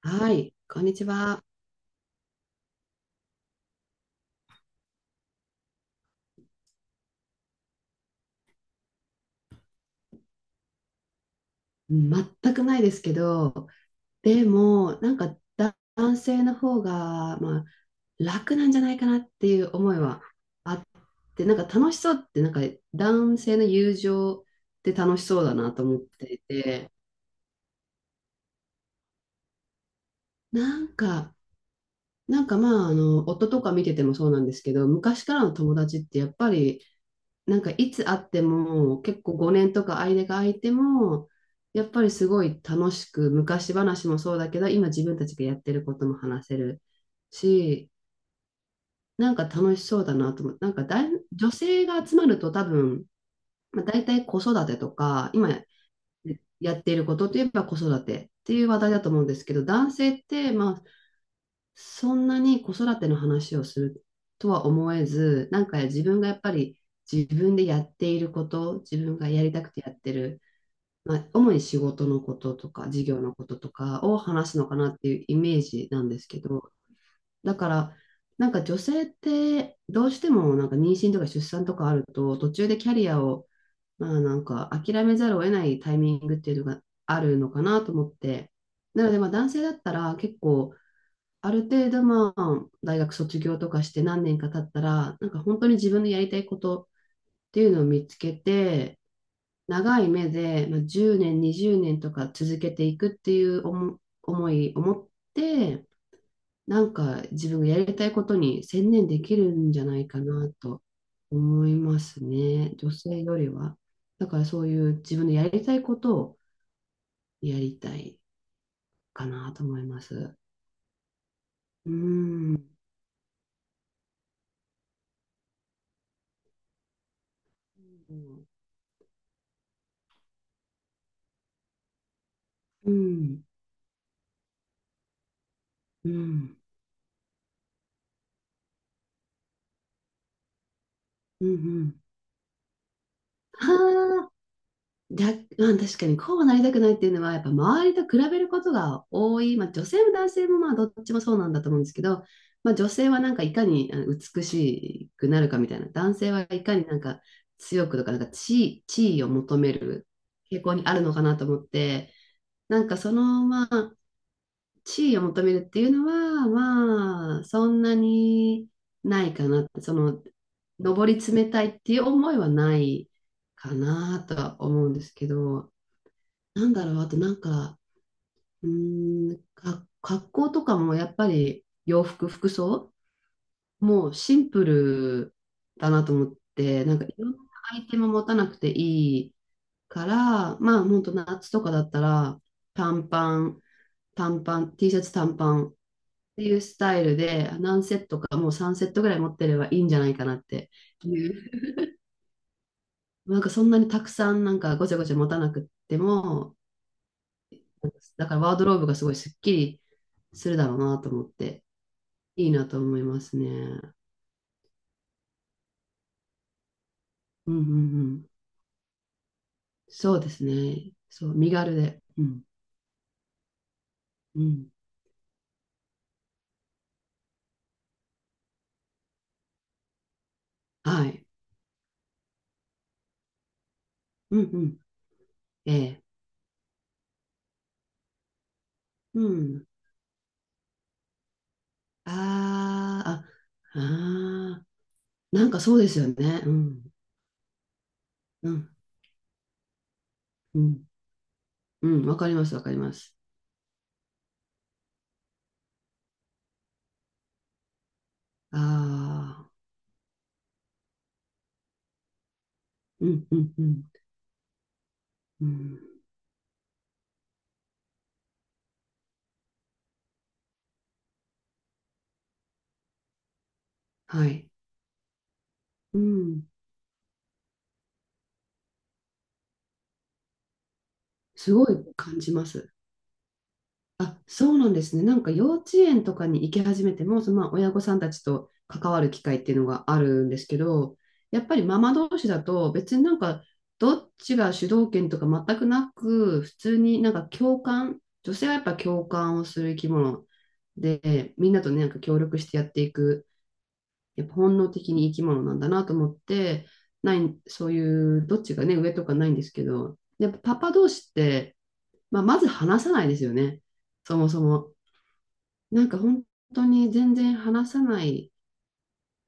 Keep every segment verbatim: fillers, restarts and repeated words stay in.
はい、こんにちは。うん、全くないですけど、でも、なんかだ男性の方が、まあ、楽なんじゃないかなっていう思いはあって、なんか楽しそうって、なんか男性の友情って楽しそうだなと思っていて、なんか、なんかまあ、あの、夫とか見ててもそうなんですけど、昔からの友達ってやっぱり、なんかいつ会っても、結構ごねんとか間が空いても、やっぱりすごい楽しく、昔話もそうだけど、今自分たちがやってることも話せるし、なんか楽しそうだなと思って、なんかだい女性が集まると多分、まあ、大体子育てとか、今やっていることといえば子育てっていう話題だと思うんですけど、男性って、まあ、そんなに子育ての話をするとは思えず、なんか自分がやっぱり自分でやっていること、自分がやりたくてやってる、まあ、主に仕事のこととか、事業のこととかを話すのかなっていうイメージなんですけど、だから、なんか女性ってどうしてもなんか妊娠とか出産とかあると、途中でキャリアをまあなんか諦めざるを得ないタイミングっていうのがあるのかなと思って、なのでまあ男性だったら結構、ある程度まあ、大学卒業とかして何年か経ったら、なんか本当に自分のやりたいことっていうのを見つけて、長い目で、まあ、じゅうねん、にじゅうねんとか続けていくっていう思思いを持って、なんか自分がやりたいことに専念できるんじゃないかなと思いますね。女性よりは。だからそういう自分のやりたいことをやりたいかなと思います。うん。うん。うん。うんうんうん。はあ、だ、まあ、確かにこうはなりたくないっていうのは、やっぱ周りと比べることが多い、まあ、女性も男性もまあどっちもそうなんだと思うんですけど、まあ、女性はなんかいかにあの美しくなるかみたいな、男性はいかになんか強くとか、なんか地位、地位を求める傾向にあるのかなと思って、なんかそのまあ地位を求めるっていうのは、まあ、そんなにないかなって、その、上り詰めたいっていう思いはないかなとは思うんですけど、なんだろう、あとなんか、うーん、か、格好とかもやっぱり洋服、服装もうシンプルだなと思って、なんかいろんなアイテム持たなくていいから、まあ本当夏とかだったら短パン、短パン、T シャツ短パンっていうスタイルで何セットかもうさんセットぐらい持ってればいいんじゃないかなっていう、なんかそんなにたくさんなんかごちゃごちゃ持たなくっても、だからワードローブがすごいすっきりするだろうなと思って、いいなと思いますね。うんうんうん。そうですね。そう、身軽で。うん。うん。はい。うんうん。ええ。うん。ああ、あ、ああ、なんかそうですよね。うん。うん。うん。うん。わかります、わかります。ああ、うんうんうん。うん。はい。うん。すごい感じます。あ、そうなんですね。なんか幼稚園とかに行き始めても、そのまあ親御さんたちと関わる機会っていうのがあるんですけど、やっぱりママ同士だと別になんかどっちが主導権とか全くなく、普通になんか共感、女性はやっぱ共感をする生き物で、みんなとね、なんか協力してやっていく、やっぱ本能的に生き物なんだなと思って、ない、そういうどっちがね、上とかないんですけど、やっぱパパ同士って、まあ、まず話さないですよね。そもそも。なんか本当に全然話さない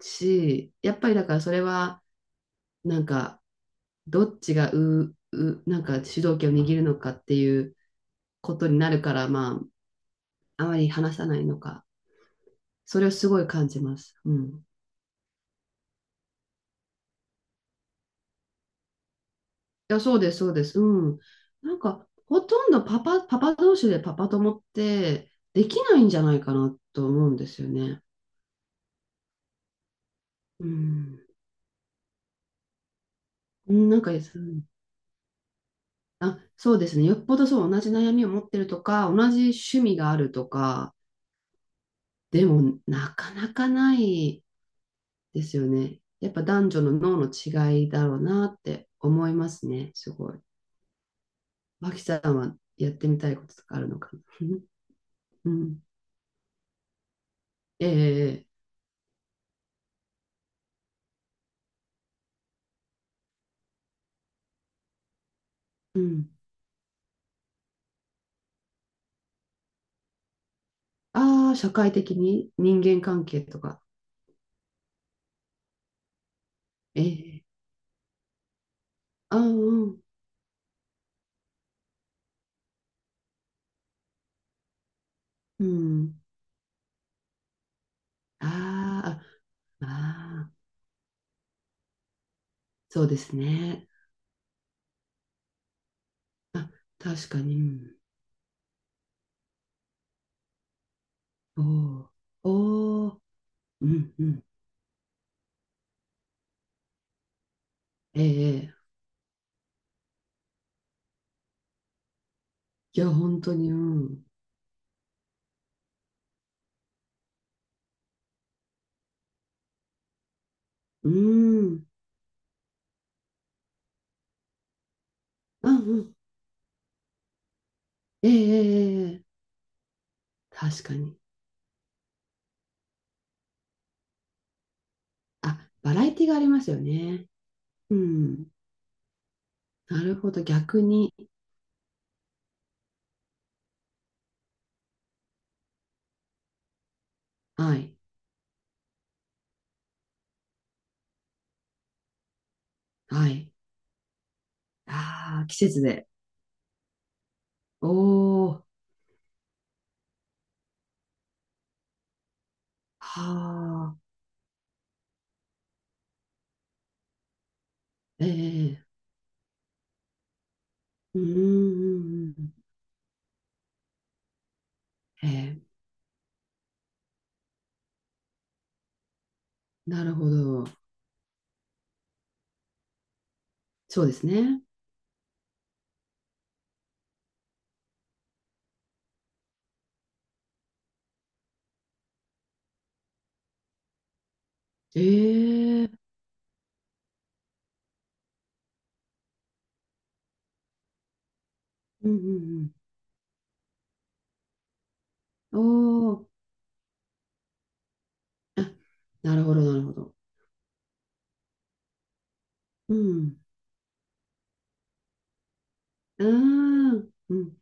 し、やっぱりだからそれは、なんか、どっちがう、う、なんか主導権を握るのかっていうことになるから、まあ、あまり話さないのか、それをすごい感じます。うん。いや、そうです、そうです。うん。なんか、ほとんどパパ、パパ同士でパパ友って、できないんじゃないかなと思うんですよね。うん。うんなんか、うんあ、そうですね。よっぽどそう、同じ悩みを持ってるとか、同じ趣味があるとか、でもなかなかないですよね。やっぱ男女の脳の違いだろうなって思いますね。すごい。脇さんはやってみたいこととかあるのかな？ うん。ええうん。ああ、社会的に人間関係とか。ええああ、うん。うん。ああ、ああ、そうですね。あ、確かに。うんおお。おうんうん。ええ、いや、本当に、うん。うん。うんうん。ええ、ええ、ええ確かに。あ、バラエティがありますよね。うん。なるほど、逆に。はい。はい。ああ、季節で。おー。はあ。ええ、うんうんうん。おー。あ、なるほどそうですねええうんうんうんおおあなるほど。なるほどうん。ああ、うん。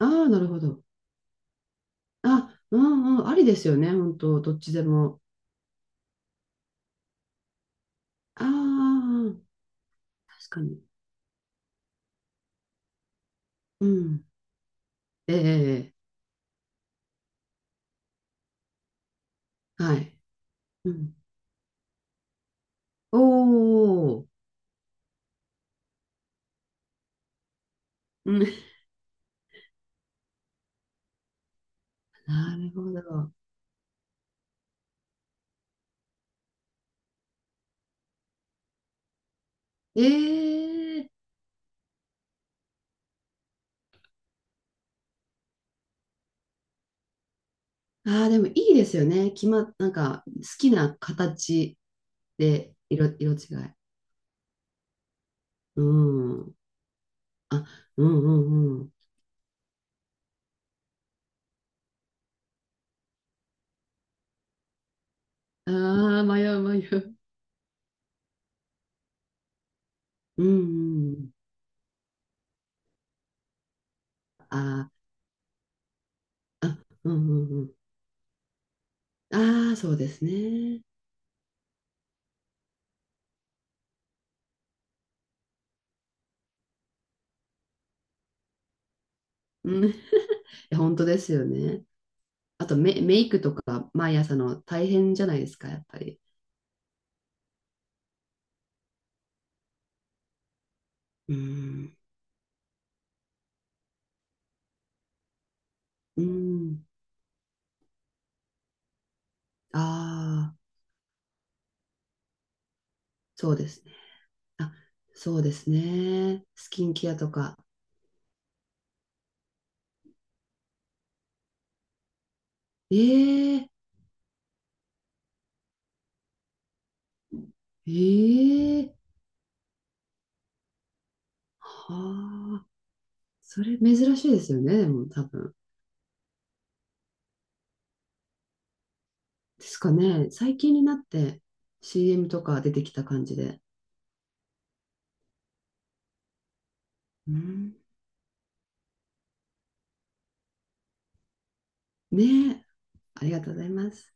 ああ、なるほど。あ、うんうん、ありですよね、本当、どっちでも。ああ、確かに。うん。ええはい。うん。おお、うん。なるほど。ええああ、でもいいですよね。決まっ、なんか、好きな形で色、色違い。うん。あ、うんうんうん。ああ、迷う迷う。うんうん。ああ、あ、うんうんうん。ああ、そうですね。うん。いや本当ですよね。あとメ、メイクとか毎朝の大変じゃないですか、やっぱり。うん。うん。ああ、そうですね。あ、そうですね。スキンケアとか。ええええはあ。それ珍しいですよね、でも多分。ですかね。最近になって シーエム とか出てきた感じで。うん。ねえ。ありがとうございます。